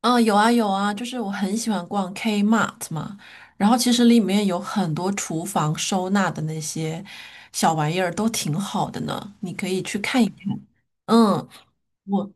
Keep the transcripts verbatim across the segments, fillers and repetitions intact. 嗯，有啊有啊，就是我很喜欢逛 Kmart 嘛，然后其实里面有很多厨房收纳的那些小玩意儿都挺好的呢，你可以去看一看。嗯，我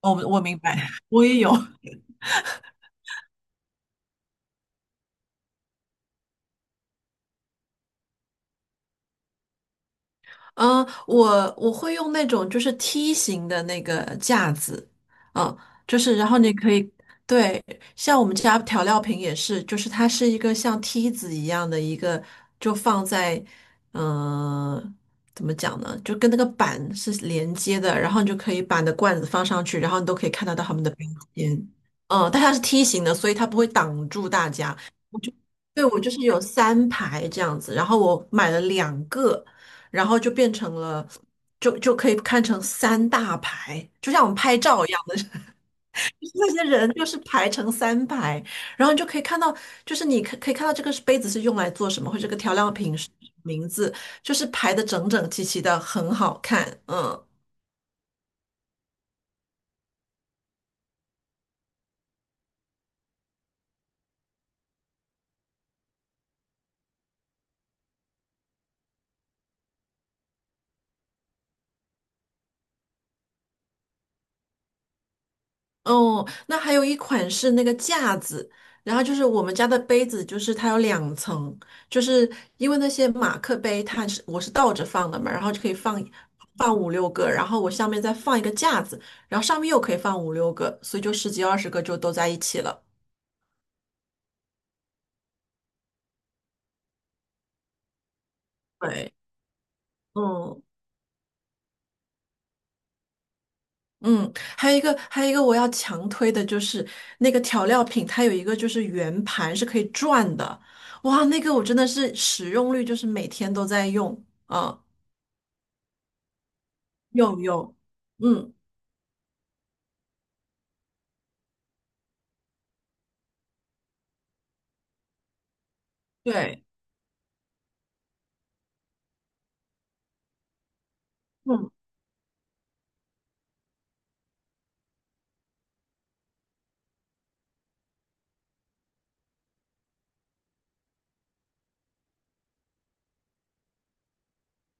我我明白，我也有。嗯，我我会用那种就是梯形的那个架子，嗯，就是然后你可以，对，像我们家调料瓶也是，就是它是一个像梯子一样的一个，就放在，嗯、怎么讲呢，就跟那个板是连接的，然后你就可以把你的罐子放上去，然后你都可以看得到它们的标签，嗯，但它是梯形的，所以它不会挡住大家，对，我就是有三排这样子，然后我买了两个，然后就变成了，就就可以看成三大排，就像我们拍照一样的，就是那些人就是排成三排，然后你就可以看到，就是你可可以看到这个杯子是用来做什么，或者这个调料瓶是什么名字，就是排的整整齐齐的，很好看，嗯。哦，那还有一款是那个架子，然后就是我们家的杯子，就是它有两层，就是因为那些马克杯它是我是倒着放的嘛，然后就可以放放五六个，然后我下面再放一个架子，然后上面又可以放五六个，所以就十几二十个就都在一起了。对，嗯嗯，还有一个还有一个我要强推的就是那个调料品，它有一个就是圆盘是可以转的，哇，那个我真的是使用率就是每天都在用。嗯有有，嗯，对，嗯，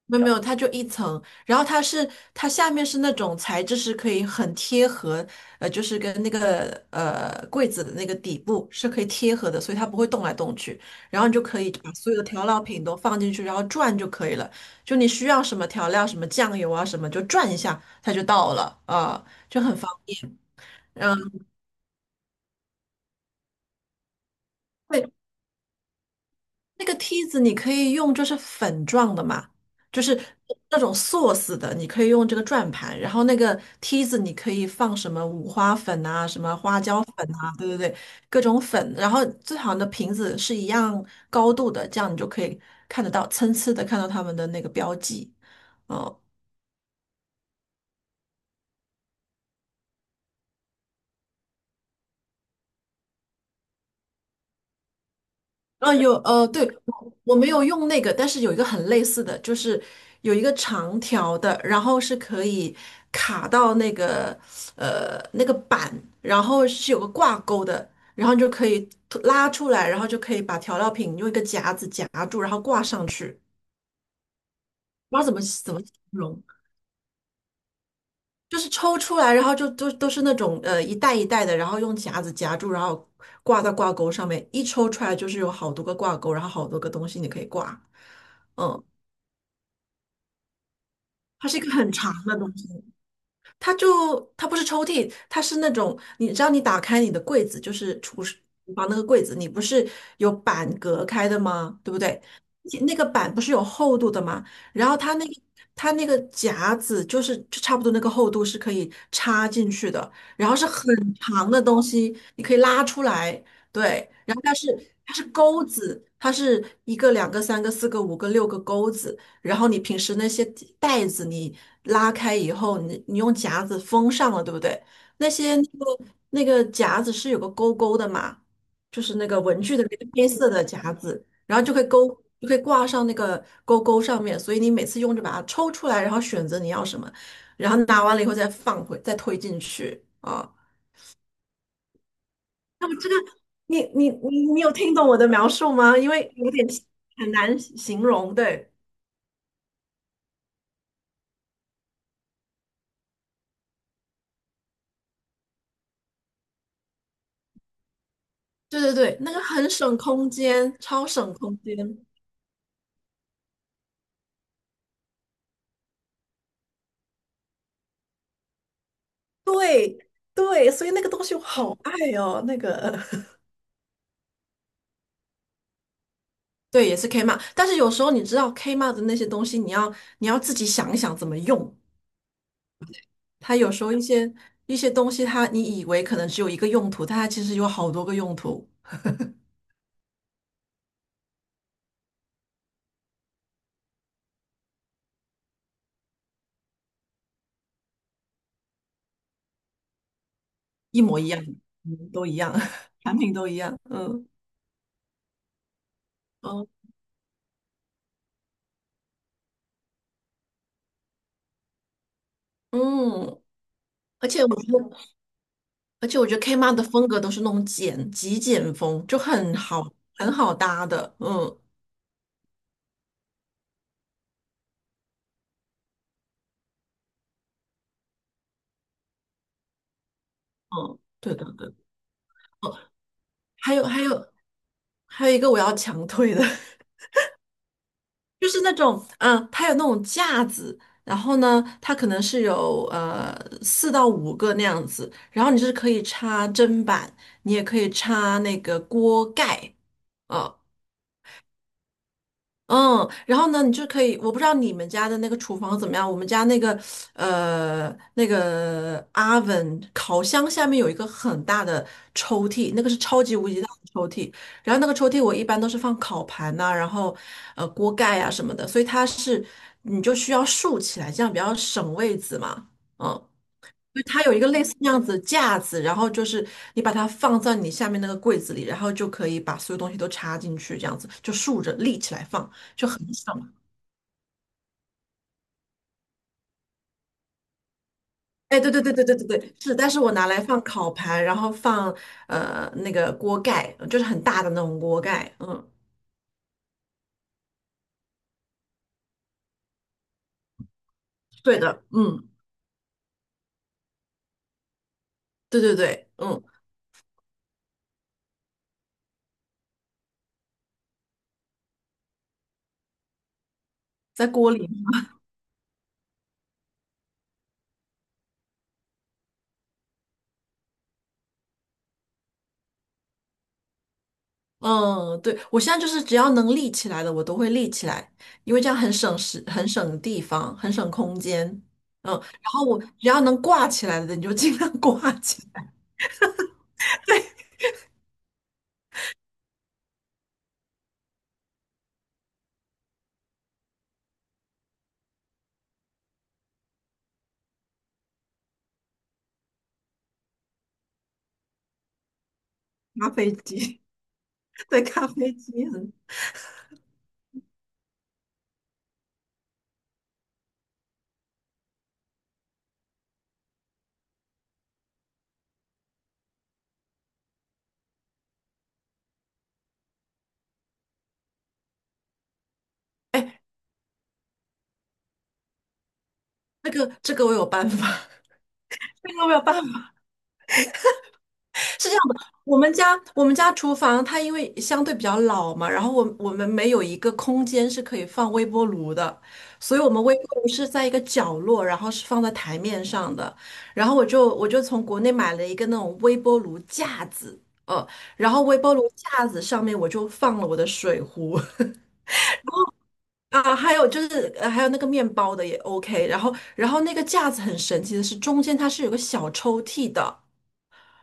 没有没有，它就一层，然后它是它下面是那种材质是可以很贴合，呃，就是跟那个呃柜子的那个底部是可以贴合的，所以它不会动来动去，然后你就可以把所有的调料品都放进去，然后转就可以了。就你需要什么调料，什么酱油啊什么，就转一下它就到了，啊、就很方便。嗯，会。那个梯子你可以用，就是粉状的嘛，就是那种 sauce 的，你可以用这个转盘。然后那个梯子你可以放什么五花粉啊，什么花椒粉啊，对对对，各种粉。然后最好的瓶子是一样高度的，这样你就可以看得到，参差的看到它们的那个标记。嗯，啊，有呃，对，我我没有用那个，但是有一个很类似的，就是有一个长条的，然后是可以卡到那个呃那个板，然后是有个挂钩的，然后你就可以突拉出来，然后就可以把调料品用一个夹子夹住，然后挂上去。不知道怎么怎么形容，就是抽出来，然后就都都是那种呃一袋一袋的，然后用夹子夹住，然后挂到挂钩上面，一抽出来就是有好多个挂钩，然后好多个东西你可以挂。嗯，它是一个很长的东西，它就它不是抽屉，它是那种你知道你打开你的柜子，就是厨师厨房那个柜子，你不是有板隔开的吗？对不对？那个板不是有厚度的吗？然后它那个它那个夹子就是就差不多那个厚度是可以插进去的，然后是很长的东西，你可以拉出来，对，然后它是它是钩子，它是一个两个三个四个五个六个钩子。然后你平时那些袋子你拉开以后，你你用夹子封上了，对不对？那些那个那个夹子是有个勾勾的嘛，就是那个文具的那个黑色的夹子，然后就会勾，就会挂上那个勾勾上面，所以你每次用就把它抽出来，然后选择你要什么，然后拿完了以后再放回，再推进去啊。那么这个你你你你有听懂我的描述吗？因为有点 很难形容，对。对对对，那个很省空间，超省空间。对对，所以那个东西我好爱哦，那个 对，也是 Kmart,但是有时候你知道 Kmart 的那些东西，你要你要自己想一想怎么用。它有时候一些一些东西它，你以为可能只有一个用途，但它其实有好多个用途，一模一样，嗯都一样，产品都一样。嗯嗯嗯，而且我觉得，而且我觉得 Kmart 的风格都是那种简极简风，就很好很好搭的。嗯嗯，对的对的。哦，还有还有还有一个我要强推的，就是那种嗯，它有那种架子，然后呢，它可能是有呃四到五个那样子，然后你就是可以插砧板，你也可以插那个锅盖。呃嗯，然后呢，你就可以，我不知道你们家的那个厨房怎么样，我们家那个呃那个 oven 烤箱下面有一个很大的抽屉，那个是超级无敌大的抽屉，然后那个抽屉我一般都是放烤盘呐、然后呃锅盖啊什么的，所以它是你就需要竖起来，这样比较省位子嘛，嗯。就它有一个类似那样子的架子，然后就是你把它放在你下面那个柜子里，然后就可以把所有东西都插进去，这样子就竖着立起来放，就很爽。哎，对对对对对对对，是，但是我拿来放烤盘，然后放呃那个锅盖，就是很大的那种锅盖，嗯，对的，嗯，对对对，嗯，在锅里。嗯，对，我现在就是只要能立起来的，我都会立起来，因为这样很省时、很省地方、很省空间。嗯，然后我只要能挂起来的，你就尽量 挂起来。咖啡机，对，咖啡机很，哎，这个这个我有办法，这个我有办法。是这样的，我们家我们家厨房它因为相对比较老嘛，然后我我们没有一个空间是可以放微波炉的，所以我们微波炉是在一个角落，然后是放在台面上的。然后我就我就从国内买了一个那种微波炉架子，呃，然后微波炉架子上面我就放了我的水壶 啊，还有就是呃还有那个面包的也 OK。然后然后那个架子很神奇的是中间它是有个小抽屉的。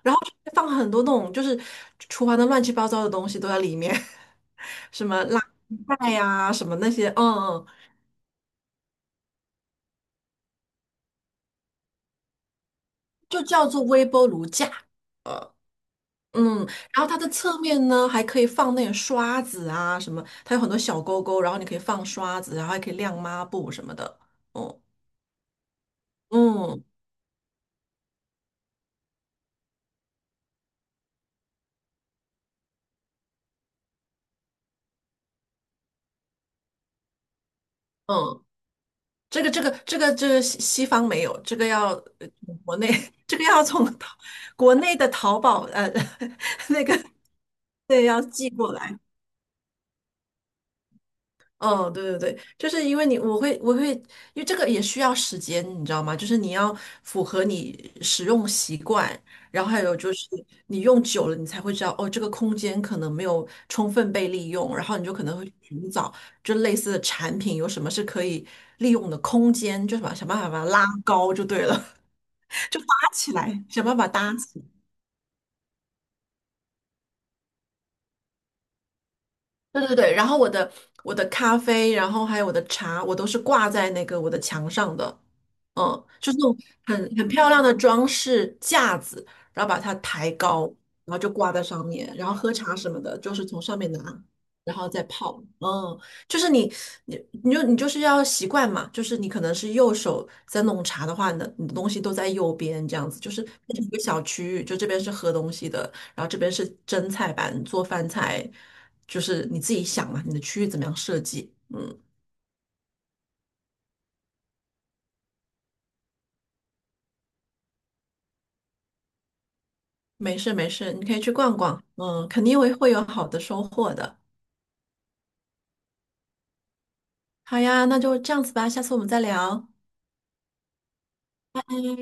然后就会放很多那种就是厨房的乱七八糟的东西都在里面，什么垃圾袋呀、什么那些，嗯嗯，就叫做微波炉架，呃嗯，然后它的侧面呢还可以放那种刷子啊什么，它有很多小钩钩，然后你可以放刷子，然后还可以晾抹布什么的，哦，嗯嗯，这个这个这个这个西西方没有，这个要呃国内 这个要从 淘国内的淘宝呃 那个对要寄过来。哦，对对对，就是因为你，我会我会，因为这个也需要时间，你知道吗？就是你要符合你使用习惯，然后还有就是你用久了，你才会知道哦，这个空间可能没有充分被利用，然后你就可能会寻找就类似的产品有什么是可以利用的空间，就什么想办法把它拉高就对了，就搭起来，想办法搭起来。对对对，然后我的我的咖啡，然后还有我的茶，我都是挂在那个我的墙上的，嗯，就是那种很很漂亮的装饰架子，然后把它抬高，然后就挂在上面，然后喝茶什么的，就是从上面拿，然后再泡，嗯，就是你你你就你就是要习惯嘛，就是你可能是右手在弄茶的话，你的你的东西都在右边这样子，就是变成一个小区域，就这边是喝东西的，然后这边是蒸菜板，做饭菜，就是你自己想嘛，你的区域怎么样设计？嗯，没事没事，你可以去逛逛，嗯，肯定会会有好的收获的。好呀，那就这样子吧，下次我们再聊，拜。